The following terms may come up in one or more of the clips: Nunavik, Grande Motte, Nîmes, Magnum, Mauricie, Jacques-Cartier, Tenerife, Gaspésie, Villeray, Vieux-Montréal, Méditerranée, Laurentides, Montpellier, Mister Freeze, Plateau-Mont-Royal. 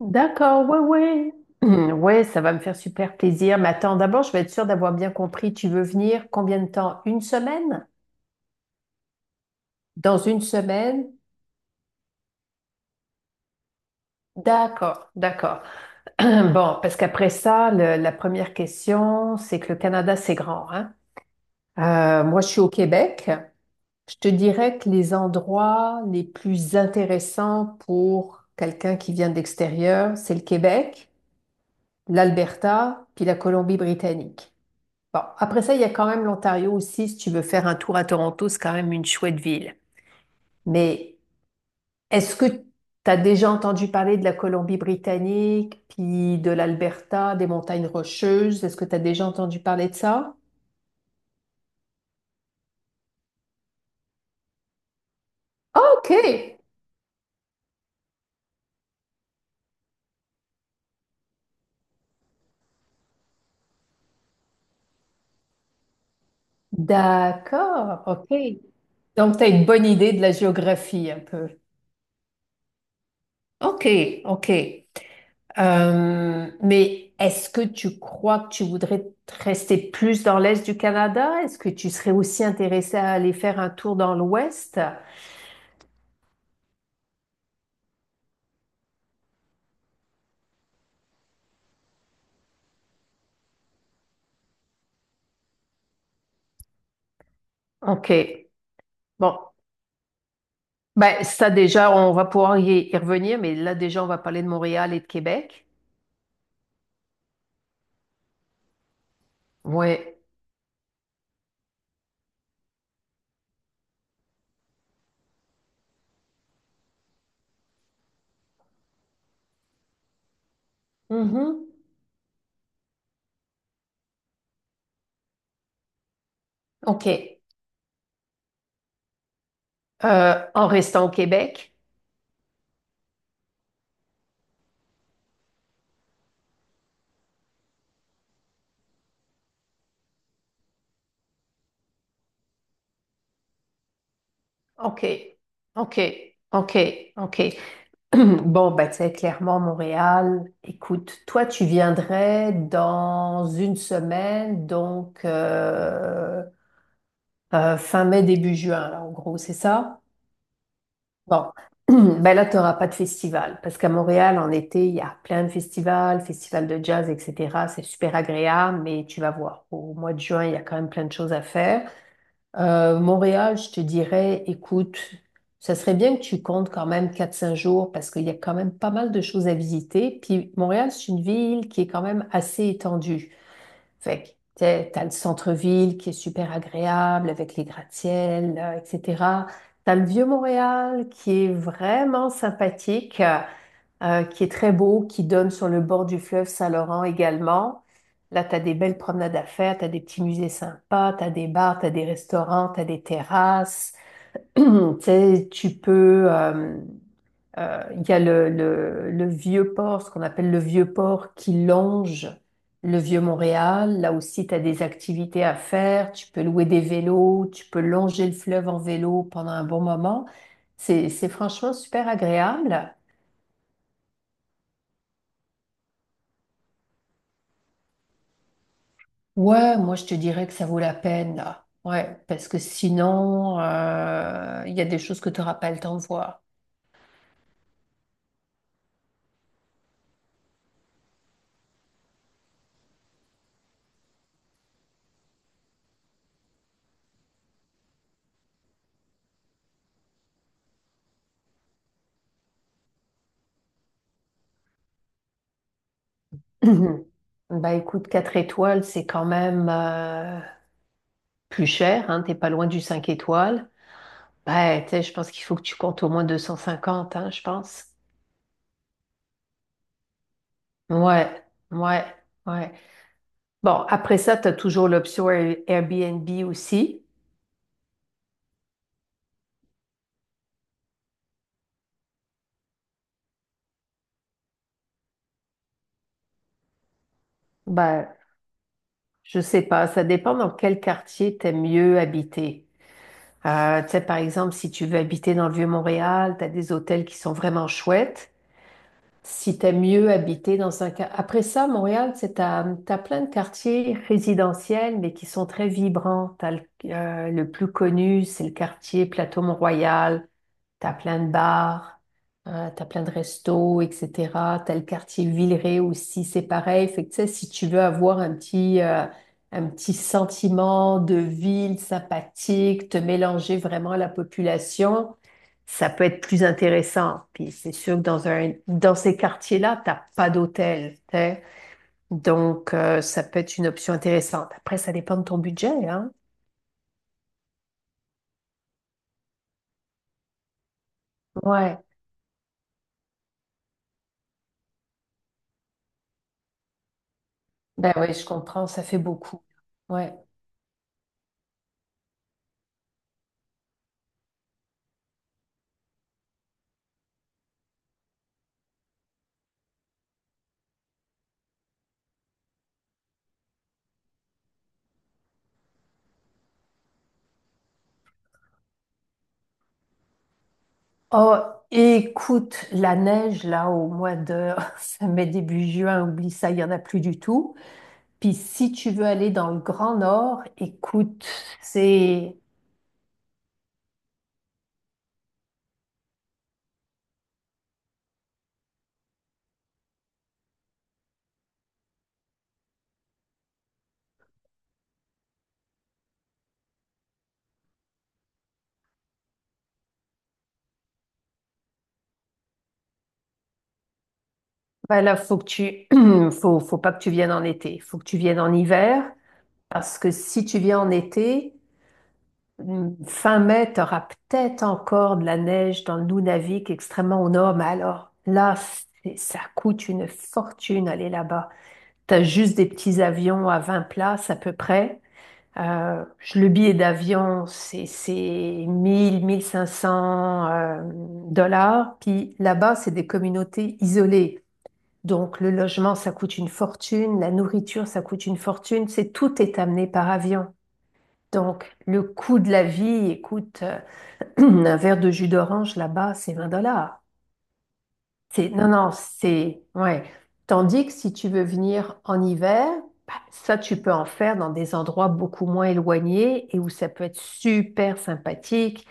D'accord, ouais, ouais. Ouais, ça va me faire super plaisir. Mais attends, d'abord, je vais être sûre d'avoir bien compris. Tu veux venir combien de temps? Une semaine? Dans une semaine? D'accord, d'accord. Bon, parce qu'après ça, la première question, c'est que le Canada, c'est grand, hein? Moi, je suis au Québec. Je te dirais que les endroits les plus intéressants pour quelqu'un qui vient de l'extérieur, c'est le Québec, l'Alberta, puis la Colombie-Britannique. Bon, après ça, il y a quand même l'Ontario aussi. Si tu veux faire un tour à Toronto, c'est quand même une chouette ville. Mais est-ce que tu as déjà entendu parler de la Colombie-Britannique, puis de l'Alberta, des montagnes rocheuses? Est-ce que tu as déjà entendu parler de ça? OK. D'accord. OK. Donc, tu as une bonne idée de la géographie un peu. OK, OK. Mais est-ce que tu crois que tu voudrais te rester plus dans l'est du Canada? Est-ce que tu serais aussi intéressé à aller faire un tour dans l'ouest? OK. Bon. Ben, ça déjà, on va pouvoir y revenir, mais là déjà, on va parler de Montréal et de Québec. Ouais. Mhm. OK. En restant au Québec? OK. OK. OK. OK. Bon, bah, tu sais, clairement, Montréal, écoute, toi, tu viendrais dans une semaine, donc fin mai, début juin, là, en gros, c'est ça? Bon, ben là, tu n'auras pas de festival, parce qu'à Montréal, en été, il y a plein de festivals, festivals de jazz, etc. C'est super agréable, mais tu vas voir, au mois de juin, il y a quand même plein de choses à faire. Montréal, je te dirais, écoute, ça serait bien que tu comptes quand même 4 5 jours parce qu'il y a quand même pas mal de choses à visiter. Puis Montréal, c'est une ville qui est quand même assez étendue. Fait que t'as le centre-ville qui est super agréable avec les gratte-ciels, là, etc. T'as le vieux Montréal qui est vraiment sympathique qui est très beau, qui donne sur le bord du fleuve Saint-Laurent également. Là, tu as des belles promenades à faire, tu as des petits musées sympas, tu as des bars, tu as des restaurants, tu as des terrasses. Tu sais, tu peux... Il y a le vieux port, ce qu'on appelle le vieux port qui longe le vieux Montréal. Là aussi, tu as des activités à faire. Tu peux louer des vélos, tu peux longer le fleuve en vélo pendant un bon moment. C'est franchement super agréable. Ouais, moi je te dirais que ça vaut la peine là. Ouais, parce que sinon, il y a des choses que tu n'auras pas le temps de voir. Bah écoute, 4 étoiles, c'est quand même plus cher, hein, t'es pas loin du 5 étoiles. Bah, tu sais, je pense qu'il faut que tu comptes au moins 250, hein, je pense. Ouais, ouais, ouais. Bon, après ça, tu as toujours l'option Airbnb aussi. Bah, je sais pas, ça dépend dans quel quartier t'aimes mieux habiter. Tu sais, par exemple, si tu veux habiter dans le Vieux-Montréal, tu as des hôtels qui sont vraiment chouettes. Si tu aimes mieux habiter dans un... Après ça, Montréal, c'est t'as plein de quartiers résidentiels, mais qui sont très vibrants. T'as le plus connu, c'est le quartier Plateau-Mont-Royal. T'as plein de bars, t'as plein de restos, etc. T'as le quartier Villeray aussi, c'est pareil. Fait que, tu sais, si tu veux avoir un petit sentiment de ville sympathique, te mélanger vraiment à la population, ça peut être plus intéressant. Puis c'est sûr que dans ces quartiers-là, t'as pas d'hôtel, tu sais. Donc, ça peut être une option intéressante. Après, ça dépend de ton budget, hein. Ouais. Ben oui, je comprends, ça fait beaucoup. Ouais. Oh, écoute, la neige, là, au mois de ça mai, début juin, oublie ça, il n'y en a plus du tout. Puis si tu veux aller dans le Grand Nord, écoute, c'est... Ben là, faut que tu... faut pas que tu viennes en été, faut que tu viennes en hiver, parce que si tu viens en été, fin mai, tu auras peut-être encore de la neige dans le Nunavik, extrêmement au nord, mais alors là, ça coûte une fortune aller là-bas. T'as juste des petits avions à 20 places à peu près. Euh, le billet d'avion, c'est 1000, 1500 dollars. Puis là-bas, c'est des communautés isolées. Donc le logement, ça coûte une fortune, la nourriture, ça coûte une fortune. C'est tout est amené par avion. Donc le coût de la vie, écoute, un verre de jus d'orange là-bas, c'est 20 dollars. C'est, non, non, c'est, ouais. Tandis que si tu veux venir en hiver, bah, ça, tu peux en faire dans des endroits beaucoup moins éloignés et où ça peut être super sympathique,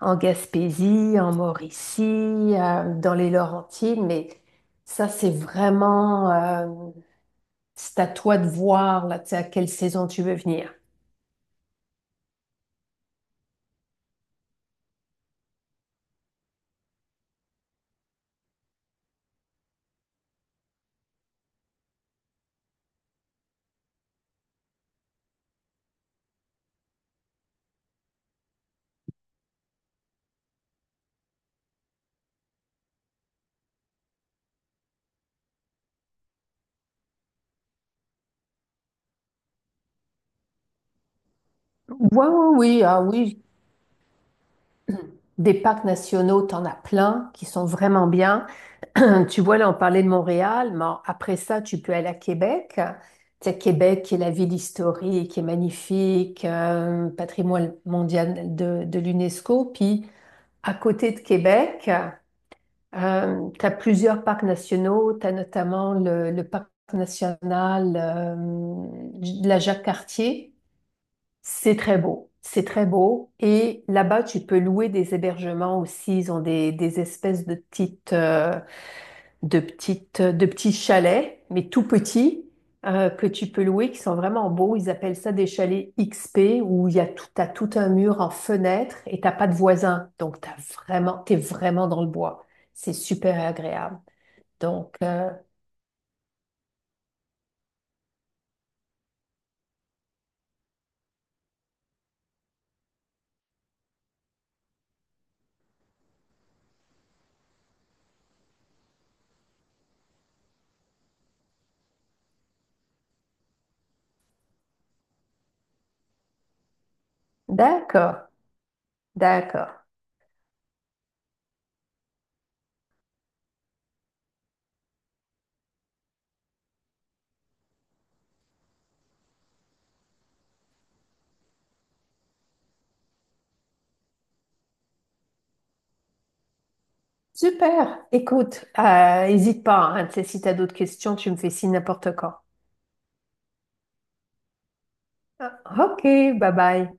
en Gaspésie, en Mauricie, dans les Laurentides, mais ça, c'est vraiment, c'est à toi de voir, là, tu sais, à quelle saison tu veux venir. Ouais, oui, oui, ah oui, des parcs nationaux, t'en as plein qui sont vraiment bien. Tu vois, là, on parlait de Montréal, mais après ça, tu peux aller à Québec. Tu sais, Québec, qui est la ville historique, qui est magnifique, patrimoine mondial de l'UNESCO. Puis, à côté de Québec, tu as plusieurs parcs nationaux. Tu as notamment le parc national de la Jacques-Cartier. C'est très beau. C'est très beau. Et là-bas, tu peux louer des hébergements aussi. Ils ont des espèces de petites... de petits chalets, mais tout petits, que tu peux louer, qui sont vraiment beaux. Ils appellent ça des chalets XP, où il y a tout, t'as tout un mur en fenêtre et t'as pas de voisins. Donc, t'es vraiment dans le bois. C'est super agréable. Donc, d'accord, d'accord. Super. Écoute, hésite pas, hein, si t'as d'autres questions, tu me fais signe n'importe quand. Ah, ok, bye bye.